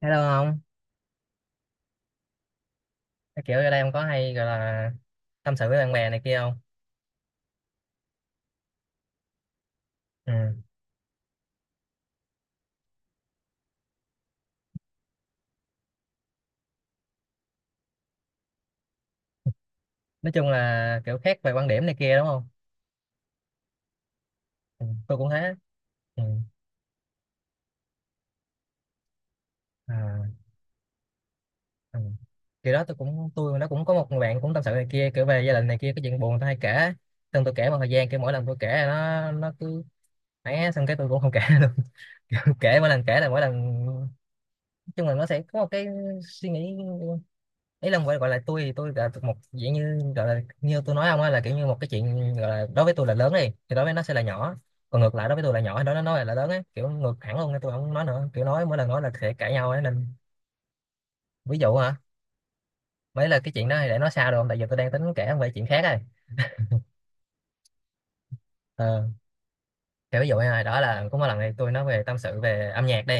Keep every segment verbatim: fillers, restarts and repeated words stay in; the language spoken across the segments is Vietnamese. Thấy đâu không? Cái kiểu ở đây em có hay gọi là tâm sự với bạn bè này kia không? Ừ. Nói chung là kiểu khác về quan điểm này kia, đúng không? Ừ, tôi cũng thế. Ừ. À, ừ. Kiểu đó tôi cũng tôi nó cũng có một người bạn cũng tâm sự này kia, kiểu về gia đình này kia, cái chuyện buồn tôi hay kể. Xong tôi kể một thời gian, kiểu mỗi lần tôi kể là nó nó cứ ấy, xong cái tôi cũng không kể luôn. Kiểu kể mỗi lần kể là mỗi lần nói chung là nó sẽ có một cái suy nghĩ. Ý là gọi gọi là tôi thì tôi là một dạng như gọi là như tôi nói ông á, là kiểu như một cái chuyện gọi là đối với tôi là lớn đi thì đối với nó sẽ là nhỏ, còn ngược lại đối với tôi là nhỏ, đối với nó là là lớn ấy, kiểu ngược hẳn luôn nên tôi không nói nữa, kiểu nói mỗi lần nói là sẽ cãi nhau ấy, nên ví dụ hả? Mấy là cái chuyện đó thì để nói sao được không? Tại vì tôi đang tính kể về chuyện khác này. Ờ, thì ví dụ này đó là có một lần này tôi nói về tâm sự về âm nhạc đi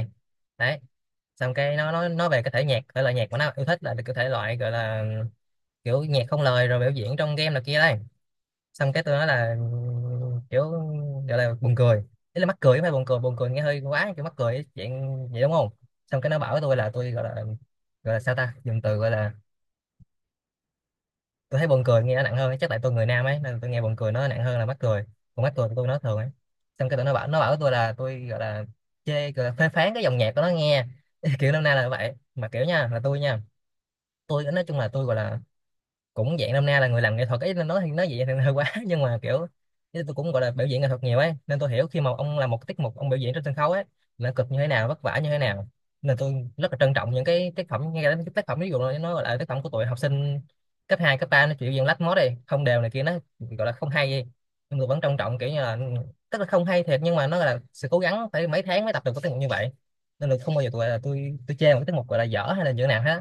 đấy. Xong cái nó nói nói về cái thể nhạc thể loại nhạc mà nó yêu thích là được cái thể loại gọi là kiểu nhạc không lời rồi biểu diễn trong game này kia đây. Xong cái tôi nói là kiểu gọi là buồn cười, ý là mắc cười chứ không phải buồn cười, buồn cười nghe hơi quá, kiểu mắc cười ấy, dạng vậy đúng không? Xong cái nó bảo với tôi là tôi gọi là gọi là sao ta, dùng từ gọi là tôi thấy buồn cười nghe nó nặng hơn, chắc tại tôi người nam ấy nên tôi nghe buồn cười nó nặng hơn là mắc cười, còn mắc cười tôi nói thường ấy. Xong cái tụi nó bảo nó bảo với tôi là tôi gọi là chê, gọi là phê phán cái dòng nhạc của nó nghe. Kiểu năm nay là vậy mà, kiểu nha là tôi nha, tôi nói chung là tôi gọi là cũng dạng năm nay là người làm nghệ thuật ấy, nên nói thì nói vậy thì hơi quá nhưng mà kiểu chứ tôi cũng gọi là biểu diễn nghệ thuật nhiều ấy, nên tôi hiểu khi mà ông làm một tiết mục, ông biểu diễn trên sân khấu ấy là cực như thế nào, vất vả như thế nào. Nên tôi rất là trân trọng những cái tác phẩm, ngay cả cái tác phẩm ví dụ là nó gọi là tác phẩm của tụi học sinh cấp hai cấp ba, nó chịu diễn lách mốt đi không đều này kia, nó gọi là không hay gì, nhưng tôi vẫn trân trọng, kiểu như là tức là không hay thiệt nhưng mà nó là sự cố gắng phải mấy tháng mới tập được cái tiết mục như vậy, nên là không bao giờ tôi là tôi tôi chê một cái tiết mục gọi là dở hay là như nào hết.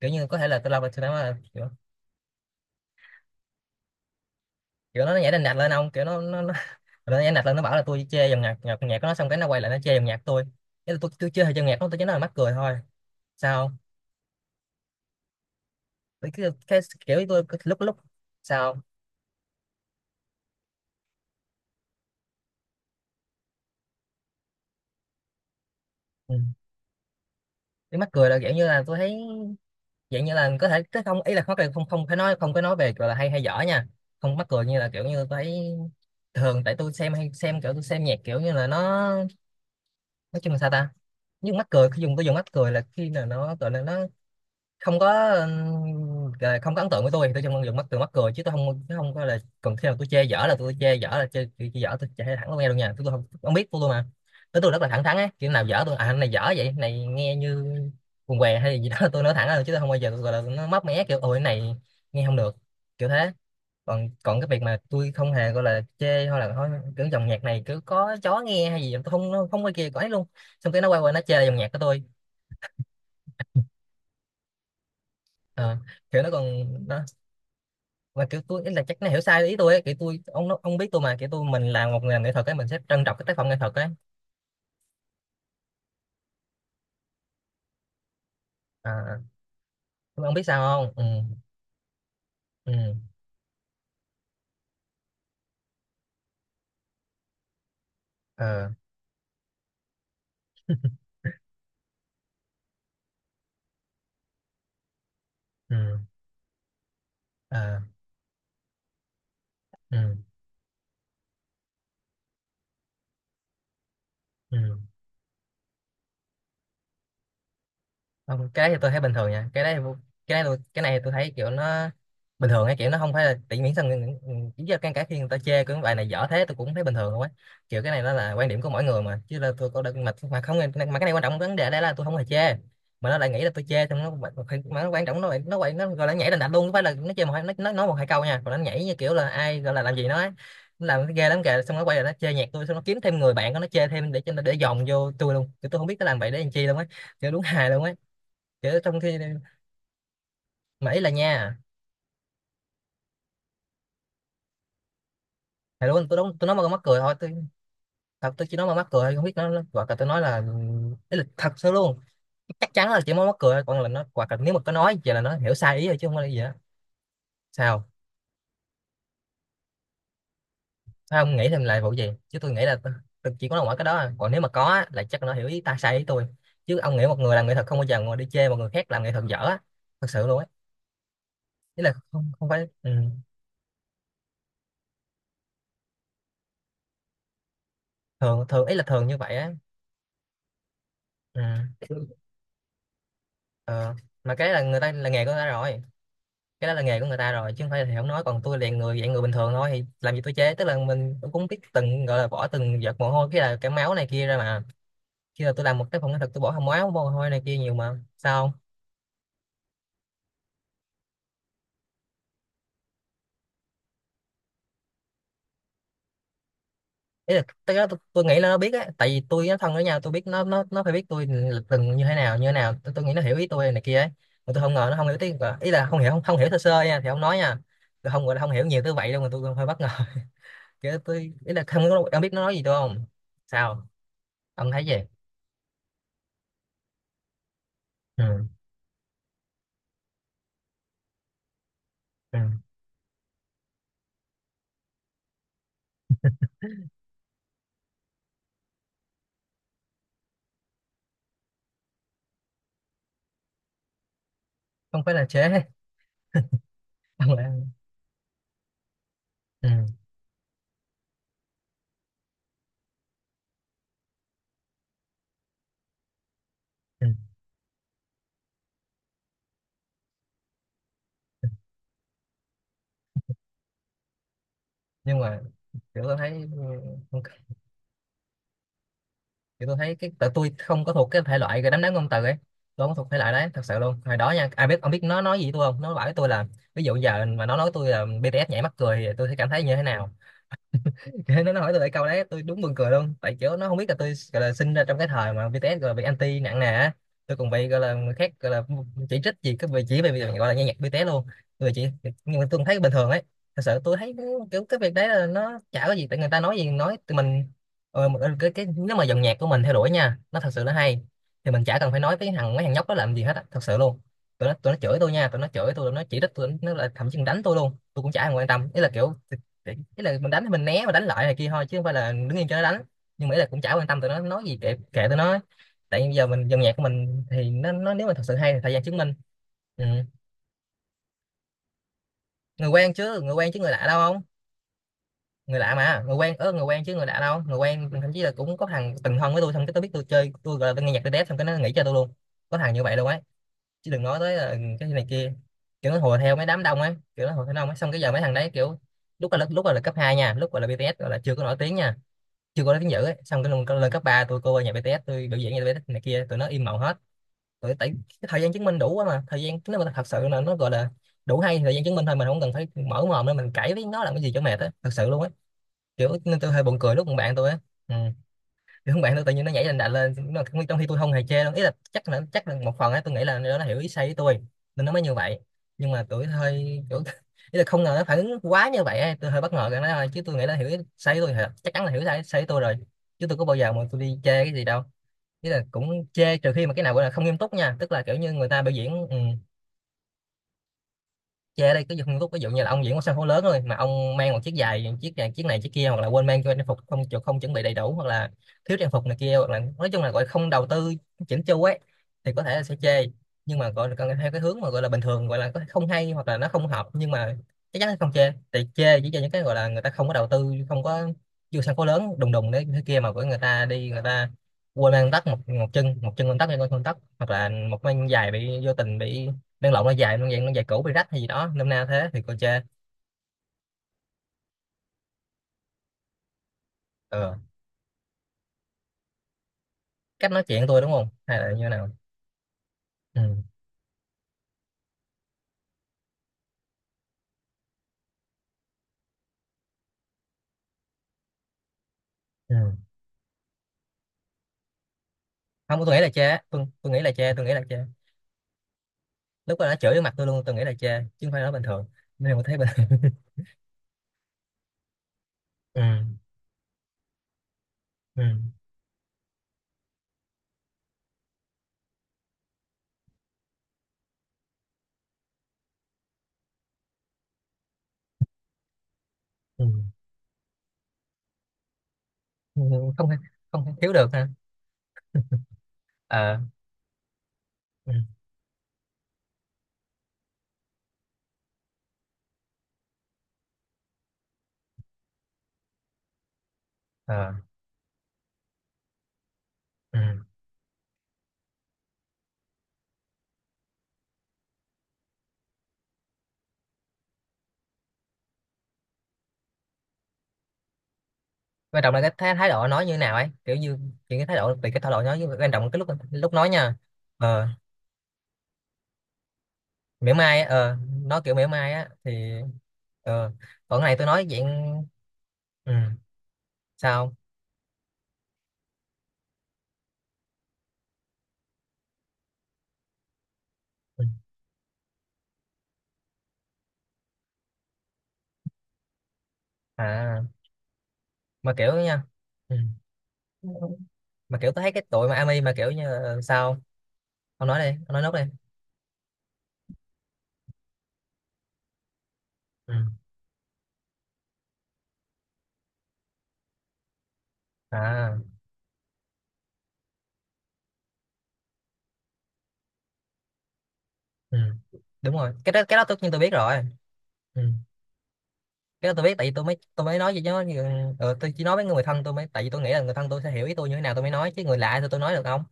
Kiểu như có thể là tôi lâu rồi tôi nói là kiểu kiểu nó nhảy đành đạch lên ông, kiểu nó nó nó, nó nhảy đành đạch lên, nó bảo là tôi chê dòng nhạc nhạc nhạc của nó, xong cái nó quay lại nó chê dòng nhạc tôi. Cái là tôi tôi chê dòng nhạc của nó, tôi chỉ nói là mắc cười thôi. Sao không? Tôi cái, cái kiểu tôi cái lúc lúc sao không? Ừ. Cái mắc cười là kiểu như là tôi thấy dạng như là có thể cái không, ý là khó, không không phải nói, không có nói về gọi là hay hay dở nha, không mắc cười như là kiểu như tôi thấy thường, tại tôi xem hay xem, kiểu tôi xem nhạc kiểu như là nó nói chung là sao ta, nhưng mắc cười khi dùng tôi dùng mắc cười là khi nào nó gọi là nó không có ừm, à, không có ấn tượng với tôi thì tôi chỉ mong được mắc từ mắt cười chứ tôi không chứ không có là, còn khi nào tôi chê dở là tôi chê dở là chê, chê, chê dở, tôi chê thẳng luôn nghe luôn nha, tôi, tôi không, không biết tôi luôn mà, tới tôi rất là thẳng thắn á, kiểu nào dở tôi à anh này dở vậy, cái này nghe như quần què hay gì đó tôi nói thẳng ra luôn chứ tôi không bao giờ tôi gọi là nó móc mé kiểu ôi cái này nghe không được, kiểu thế. Còn còn cái việc mà tôi không hề gọi là chê hay là thôi, kiểu dòng nhạc này cứ có chó nghe hay gì tôi không, nó không có kia có ấy luôn. Xong cái nó quay qua nó chê dòng nhạc của tôi. Ờ, kiểu nó còn nó và kiểu tôi ý là chắc nó hiểu sai ý tôi ấy. Kiểu tôi ông nó- ông biết tôi mà, kiểu tôi mình làm một người làm nghệ thuật ấy, mình sẽ trân trọng cái tác phẩm nghệ thuật ấy. À, nhưng mà ông biết sao không? Ừ. Ừ. Ờ. Ừ. Ờ. Ừ. Ừ. Không, cái đấy thì tôi thấy bình thường nha cái đấy. Cái này tôi cái này tôi thấy kiểu nó bình thường ấy, kiểu nó không phải là tỉ miễn sao người- người- chỉ do cái cái khi người ta chê cái bài này dở thế tôi cũng thấy bình thường không ấy, kiểu cái này nó là quan điểm của mỗi người mà, chứ là tôi có được mà, mà không mà cái này quan trọng vấn đề ở đây là tôi không hề chê, mà nó lại nghĩ là tôi chê, xong nó mà nó quan trọng nó lại- nó quậy, nó gọi là nhảy đành đạch luôn, không phải là nó chê một hai, nó nó nói một hai câu nha, còn nó nhảy như kiểu là ai gọi là làm gì nó ấy, nó làm cái ghê lắm kìa, xong nó quay lại nó chê nhạc tôi, xong nó kiếm thêm người bạn của nó chê thêm để cho nó để dòm vô tôi luôn. Kiểu tôi không biết nó làm vậy để làm chi luôn ấy, kiểu đúng hài luôn ấy, kiểu trong khi mà ý là nha thầy luôn tôi đóng tôi nói mà mắc cười thôi, tôi thật tôi chỉ nói mà mắc cười thôi, không biết nó, nó hoặc là tôi nói là ý là thật sự luôn, chắc chắn là chỉ nói mắc cười thôi, còn là nó hoặc là nếu mà có nói vậy là nó hiểu sai ý rồi chứ không có là gì á. Sao Sao không nghĩ thêm lại vụ gì, chứ tôi nghĩ là tôi, tôi chỉ có nói mỗi cái đó à. Còn nếu mà có á, là chắc nó hiểu ý ta sai ý tôi, chứ ông nghĩ một người làm nghệ thuật không bao giờ ngồi đi chê một người khác làm nghệ thuật dở á, thật sự luôn á, ý là không không phải, ừ. Thường thường ý là thường như vậy á. Ừ. Ờ. Mà cái là người ta là nghề của người ta rồi. Cái đó là nghề của người ta rồi, chứ không phải là thầy không nói, còn tôi liền người dạng người bình thường thôi thì làm gì tôi chế, tức là mình cũng biết từng gọi là bỏ từng giọt mồ hôi cái là cái máu này kia ra mà, khi là tôi làm một cái phòng nghệ thuật tôi bỏ máu mồ hôi này kia nhiều mà sao không. Ý là tới đó tôi, tôi nghĩ là nó biết á, tại vì tôi nó thân với nhau tôi biết nó nó nó phải biết tôi là từng như thế nào như thế nào, tôi, tôi nghĩ nó hiểu ý tôi này kia ấy. Mà tôi không ngờ nó không hiểu tiếng, ý là không hiểu không, không hiểu sơ sơ nha thì không nói nha, tôi không gọi là không hiểu nhiều tới vậy đâu, mà tôi cũng hơi bất ngờ kiểu tôi ý là không có- ông biết nó nói gì tôi không? Sao? Ông thấy gì? Ừ. Ừ. Không phải là chế. Không là ừ. Ừ. Nhưng mà kiểu tôi thấy ừ, ok. Kiểu tôi thấy cái tại tôi không có thuộc cái thể loại cái đám đám ngôn từ ấy. Tôi không thuộc thể loại đấy thật sự luôn hồi đó nha. Ai biết ông biết nó nói gì với tôi không, nó bảo với tôi là ví dụ giờ mà nó nói tôi là bi ti ét nhảy mắc cười thì tôi sẽ cảm thấy như thế nào. Cái nó nó hỏi tôi lại câu đấy tôi đúng buồn cười luôn, tại kiểu nó không biết là tôi gọi là sinh ra trong cái thời mà bi ti ét gọi là bị anti nặng nề á. Tôi còn bị gọi là người khác gọi là chỉ trích gì cái về chỉ về việc gọi là nghe nhạc bê tê ét luôn. Người chỉ nhưng mà tôi cũng thấy bình thường ấy. Thật sự tôi thấy cái- kiểu cái việc đấy là nó chả có gì, tại người ta nói gì nói tụi mình. ờ, mà- cái, cái nếu mà dòng nhạc của mình theo đuổi nha nó thật sự nó hay thì mình chả cần phải nói với thằng mấy thằng nhóc đó làm gì hết á, thật sự luôn. Tụi nó tụi nó chửi tôi nha, tụi nó chửi tôi, tụi nó chỉ trích tôi, nó là thậm chí còn đánh tôi luôn, tôi cũng chả thèm quan tâm. Ý là kiểu để- ý là mình đánh thì mình né và đánh lại này kia thôi, chứ không phải là đứng yên cho nó đánh. Nhưng mà ý là cũng chả quan tâm tụi nó nói gì, kệ kệ tụi nó. Tại vì giờ mình dòng nhạc của mình thì nó, nó nếu mà thật sự hay thì thời gian chứng minh. Ừ. Người quen chứ, người quen chứ, người lạ đâu. Không, người lạ mà, người quen ớ, người quen chứ người lạ đâu, người quen thậm chí là cũng có thằng từng thân với tôi xong cái tôi biết tôi chơi tôi gọi là tôi nghe nhạc tôi đét xong cái nó nghĩ cho tôi luôn. Có thằng như vậy luôn ấy, chứ đừng nói tới là cái này kia. Kiểu nó hùa theo mấy đám đông ấy, kiểu nó hùa theo đông ấy, xong cái giờ mấy thằng đấy kiểu lúc là lúc là là cấp hai nha, lúc gọi là bi ti ét gọi là chưa có nổi tiếng nha, chưa có nói tiếng dữ ấy. Xong cái lần lên cấp ba tôi cô qua nhà bê tê ét tôi biểu diễn nhà bê tê ét này kia tụi nó im mộng hết. Tụi tại cái thời gian chứng minh đủ quá mà, thời gian nếu mà thật sự là nó gọi là đủ hay thời gian chứng minh thôi, mình không cần phải mở mồm nữa, mình cãi với nó làm cái gì cho mệt á, thật sự luôn á. Kiểu nên tôi hơi buồn cười lúc cùng bạn tôi á. Ừ. Thì không, bạn tôi tự nhiên nó nhảy lên đà lên nó- trong khi tôi không hề chê đâu, ý là chắc là chắc là một phần ấy, tôi nghĩ là nó nó hiểu ý sai với tôi nên nó mới như vậy. Nhưng mà tôi hơi kiểu ý là không ngờ nó phản ứng quá như vậy ấy. Tôi hơi bất ngờ cái đó thôi, chứ tôi nghĩ là hiểu ý sai với tôi thì chắc chắn là hiểu sai sai với tôi rồi, chứ tôi có bao giờ mà tôi đi chê cái gì đâu. Ý là cũng chê trừ khi mà cái nào gọi là không nghiêm túc nha, tức là kiểu như người ta biểu diễn ừ, chê đây cái không tốt, ví dụ như là ông diễn một sân khấu lớn thôi mà ông mang một chiếc giày chiếc này chiếc này chiếc kia, hoặc là quên mang cho trang phục không không chuẩn bị đầy đủ, hoặc là thiếu trang phục này kia, hoặc là nói chung là gọi không đầu tư chỉnh chu ấy thì có thể là sẽ chê. Nhưng mà gọi là cần theo cái hướng mà gọi là bình thường gọi là có thể không hay hoặc là nó không hợp, nhưng mà chắc chắn là không chê, thì chê chỉ cho những cái gọi là người ta không có đầu tư, không có vô sân khấu lớn đùng đùng đấy thế kia mà của người ta đi, người ta quên mang tóc một một chân một chân lên tóc hay con tóc, hoặc là một mang giày bị vô tình bị đen lộn nó dài nó dạng nó dài cũ bị rách hay gì đó nôm na thế thì cô chê. Ờ, cách nói chuyện tôi đúng không hay là như thế nào. Ừ. Ừ. Không, tôi nghĩ là chê, tôi, tôi nghĩ là chê, tôi nghĩ là chê, lúc đó nó chửi vô mặt tôi luôn, tôi nghĩ là chê chứ không phải nói bình thường, nên tôi thấy bình thường. Ừ. Ừ. Ừ. Ừ. Không, không thiếu được ha. Ờ. Ừ. Ờ. Ừ. Quan trọng là cái thái, thái độ nói như thế nào ấy, kiểu như chuyện cái thái độ về cái thái độ nói với, quan trọng là cái lúc lúc nói nha. Ờ, mỉa mai á, ờ, nó kiểu mỉa mai á thì ờ còn cái này tôi nói dạng. Ừ. Sao? Ừ. À, mà kiểu nha. Ừ. Mà kiểu tôi thấy cái tụi mà ami mà kiểu như là- sao? Ông nói đi, ông nói nốt đi. Ừ. À. Ừ. Đúng rồi, cái đó cái đó tất nhiên tôi biết rồi. Ừ. Cái đó tôi biết, tại vì tôi mới tôi mới nói gì chứ người- ừ, ờ, tôi chỉ nói với người thân tôi mới, tại vì tôi nghĩ là người thân tôi sẽ hiểu ý tôi như thế nào tôi mới nói, chứ người lạ thì tôi nói được không.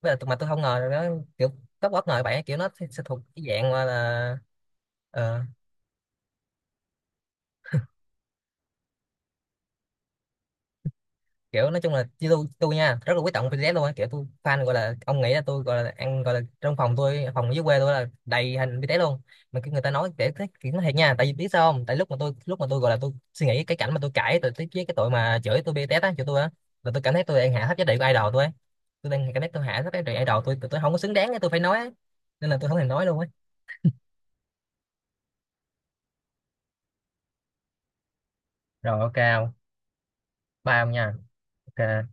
Với lại tôi- mà tôi không ngờ là nó kiểu rất bất ngờ, bạn kiểu nó sẽ, sẽ thuộc cái dạng mà là ờ, kiểu nói chung là như tôi tôi nha, rất là quý trọng bi ti ét luôn á, kiểu tôi fan gọi là ông nghĩ là tôi gọi là ăn gọi là trong phòng tôi phòng dưới quê tôi là đầy hình bi ti ét luôn. Mà cái người ta nói để cái kiểu nó thiệt nha, tại vì biết sao không, tại lúc mà tôi lúc mà tôi gọi là tôi suy nghĩ cái cảnh mà tôi cãi tôi với cái tội mà chửi tôi bi ti ét á, chửi tôi á, là tôi cảm thấy tôi đang hạ thấp giá trị của idol tôi á. Tôi đang cái nét tôi hạ thấp cái idol tôi tôi không có xứng đáng để tôi phải nói á. Nên là tôi không thèm nói luôn ấy. Rồi, ok không? Ba ông nha. Ok.